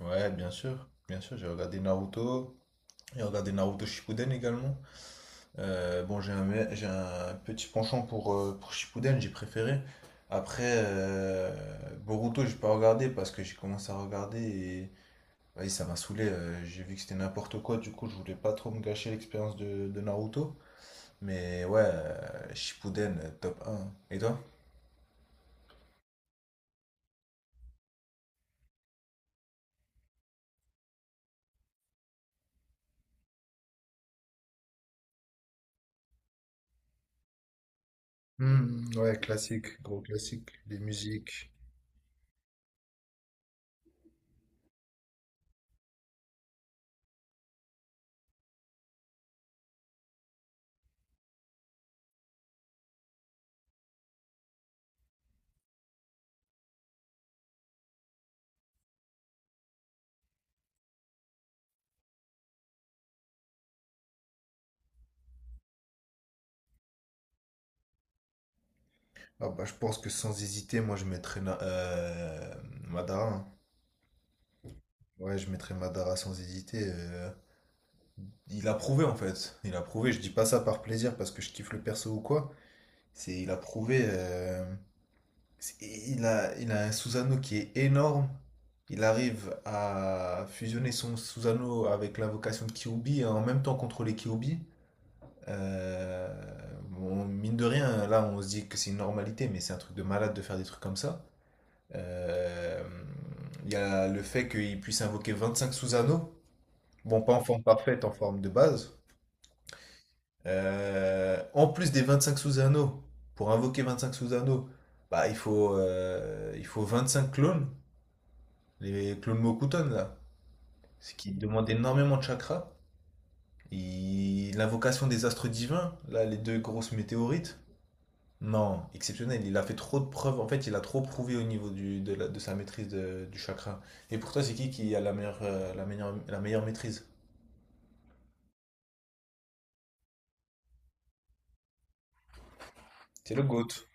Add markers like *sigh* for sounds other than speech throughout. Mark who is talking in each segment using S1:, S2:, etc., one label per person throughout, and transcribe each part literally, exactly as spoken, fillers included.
S1: Ouais, bien sûr, bien sûr, j'ai regardé Naruto, j'ai regardé Naruto Shippuden également. Euh, bon, j'ai un, me- j'ai un petit penchant pour, euh, pour Shippuden, j'ai préféré. Après, euh, Boruto, j'ai pas regardé parce que j'ai commencé à regarder et vas-y, ça m'a saoulé. Euh, j'ai vu que c'était n'importe quoi, du coup, je voulais pas trop me gâcher l'expérience de, de Naruto. Mais ouais, euh, Shippuden, euh, top un. Et toi? Hmm, ouais, classique, gros classique. Les musiques. Ah bah, je pense que sans hésiter, moi je mettrais Na- euh, Madara, hein. Ouais, je mettrais Madara sans hésiter. euh. Il a prouvé en fait. Il a prouvé, je dis pas ça par plaisir parce que je kiffe le perso ou quoi. C'est, il a prouvé. euh, c'est- Il a, il a un Susanoo qui est énorme. Il arrive à fusionner son Susanoo avec l'invocation de Kyuubi et en même temps contrôler Kyuubi. Euh, bon, mine de rien, là on se dit que c'est une normalité, mais c'est un truc de malade de faire des trucs comme ça. Euh, Il y a le fait qu'il puisse invoquer vingt-cinq sous-anneaux. Bon, pas en forme parfaite, en forme de base. Euh, en plus des vingt-cinq sous-anneaux, pour invoquer vingt-cinq sous-anneaux, bah, il faut, euh, il faut vingt-cinq clones, les clones Mokuton là, ce qui demande énormément de chakras. Il- L'invocation des astres divins, là, les deux grosses météorites. Non, exceptionnel. Il a fait trop de preuves. En fait, il a trop prouvé au niveau du, de, la- de sa maîtrise de- du chakra. Et pour toi, c'est qui qui a la meilleure, euh, la meilleure, la meilleure maîtrise? C'est le GOAT.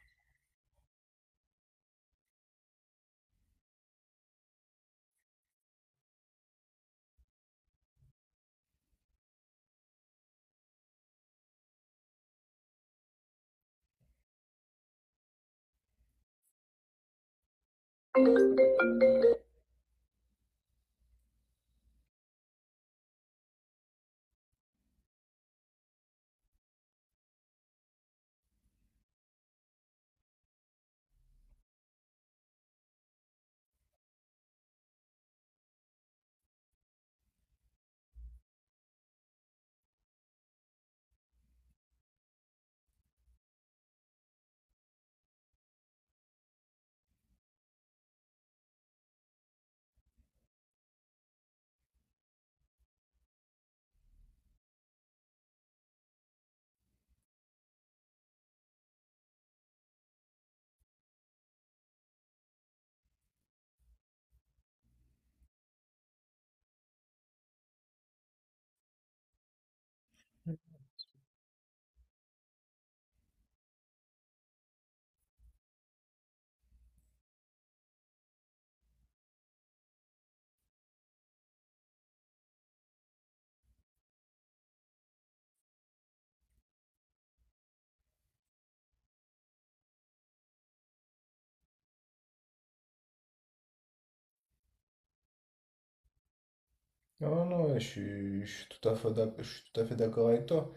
S1: Non, non, je suis, je suis tout à fait d'ac- je suis tout à fait d'accord avec toi.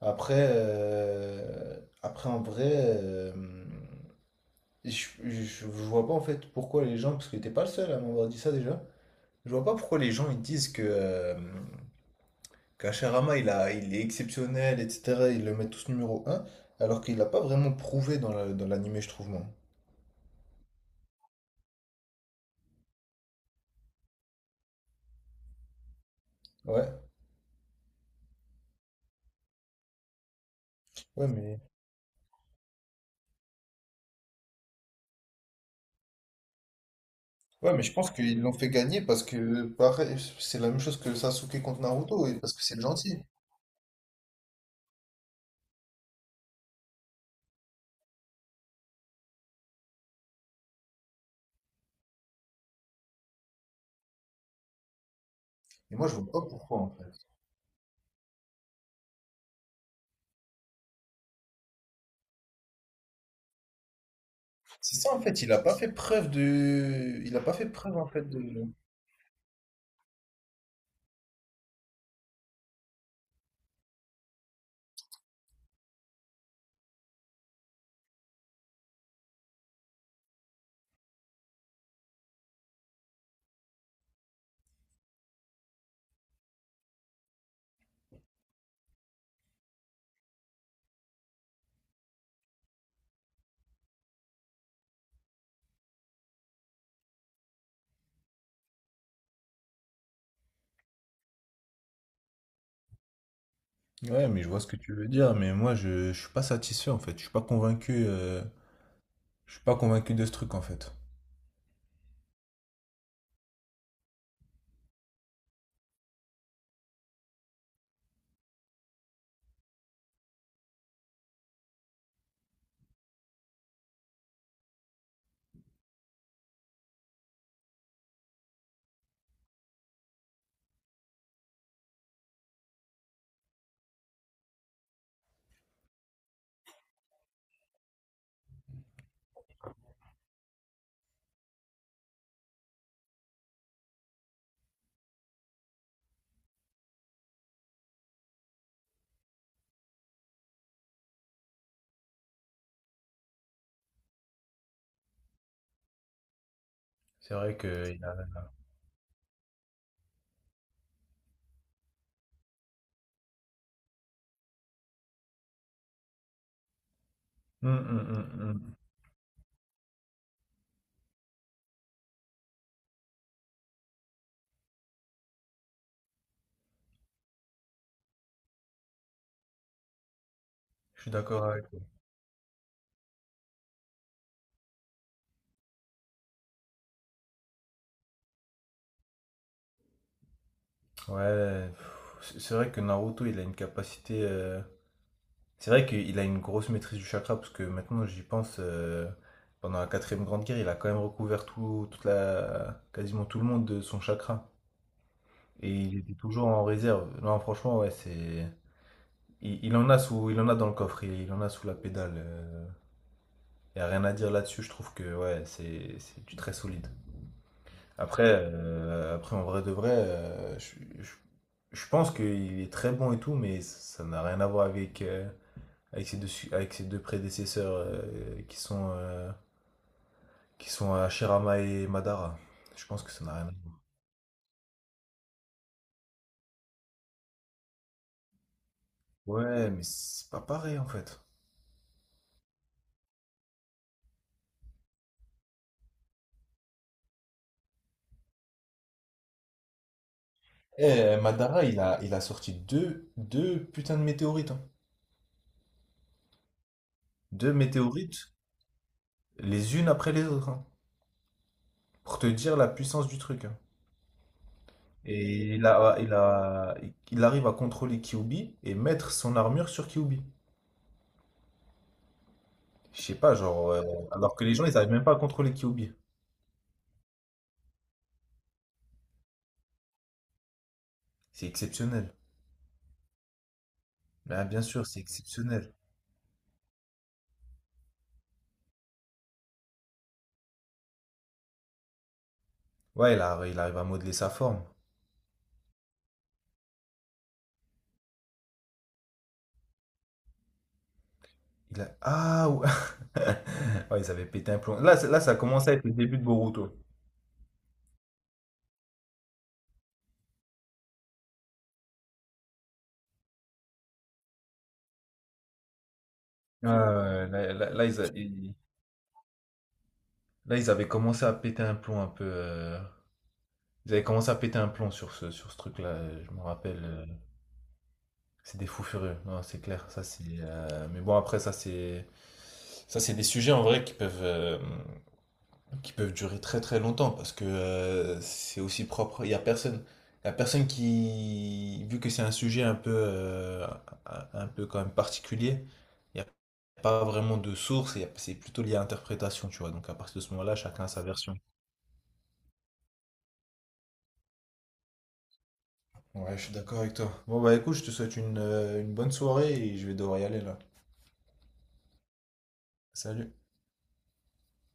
S1: Après, euh, après en vrai, euh, je, je, je vois pas en fait pourquoi les gens, parce que t'es pas le seul à m'avoir dit ça déjà, je vois pas pourquoi les gens ils disent que, euh, Kachirama, il a, il est exceptionnel, et cetera. Ils le mettent tous numéro un alors qu'il n'a pas vraiment prouvé dans la- dans l'anime, je trouve, moi. Ouais, ouais, mais, ouais, mais je pense qu'ils l'ont fait gagner parce que, pareil, c'est la même chose que Sasuke contre Naruto, et parce que c'est le gentil. Et moi, je vois pas pourquoi, en fait. C'est ça, en fait, il a pas fait preuve de… Il a pas fait preuve, en fait, de… Ouais, mais je vois ce que tu veux dire, mais moi je, je suis pas satisfait en fait, je suis pas convaincu. euh, Je suis pas convaincu de ce truc en fait. C'est vrai que il a… Hum, hum, hum, hum. Je suis d'accord avec toi. Ouais, pff, c'est c'est vrai que Naruto, il a une capacité. euh, C'est vrai qu'il a une grosse maîtrise du chakra, parce que maintenant j'y pense, euh, pendant la quatrième grande guerre, il a quand même recouvert tout, toute la, quasiment tout le monde de son chakra. Et il était toujours en réserve. Non, franchement, ouais, c'est… Il, il en a sous, il en a dans le coffre, il, il en a sous la pédale. euh. Il n'y a rien à dire là-dessus, je trouve que ouais, c'est c'est du très solide. Après, euh, après, en vrai de vrai, euh, je, je- je pense qu'il est très bon et tout, mais ça n'a rien à voir avec, euh, avec ses deux, su- avec ses deux prédécesseurs euh, qui sont, euh, qui sont Hashirama et Madara. Je pense que ça n'a rien à voir. Ouais, mais c'est pas pareil en fait. Eh, Madara, il a, il a sorti deux, deux putains de météorites, hein. Deux météorites, les unes après les autres, hein, pour te dire la puissance du truc, hein. Et il a, il a, il arrive à contrôler Kyuubi et mettre son armure sur Kyuubi. Je sais pas, genre, euh, alors que les gens, ils arrivent même pas à contrôler Kyuubi. C'est exceptionnel. Bah, bien sûr, c'est exceptionnel. Ouais, il, a- il arrive à modeler sa forme. Il a… Ah, ouais. *laughs* Ouais, ils avaient pété un plomb. Là, c'est- là, ça commençait à être le début de Boruto. Ouais, ouais, ouais. Là, là- là, ils a- ils- là, ils avaient commencé à péter un plomb un peu. euh, Ils avaient commencé à péter un plomb sur ce, sur ce truc-là. euh, Je me rappelle. euh, C'est des fous furieux. Non, c'est clair. Ça, c'est. Euh, Mais bon, après, ça, c'est. Ça, c'est des sujets en vrai qui peuvent, euh, qui peuvent durer très très longtemps parce que euh, c'est aussi propre. Il y a personne, il y a personne qui, vu que c'est un sujet un peu, euh, un, un peu quand même particulier, il n'y a pas vraiment de source. Et c'est plutôt lié à l'interprétation, tu vois. Donc à partir de ce moment-là, chacun a sa version. Ouais, je suis d'accord avec toi. Bon bah écoute, je te souhaite une, euh, une bonne soirée et je vais devoir y aller là. Salut.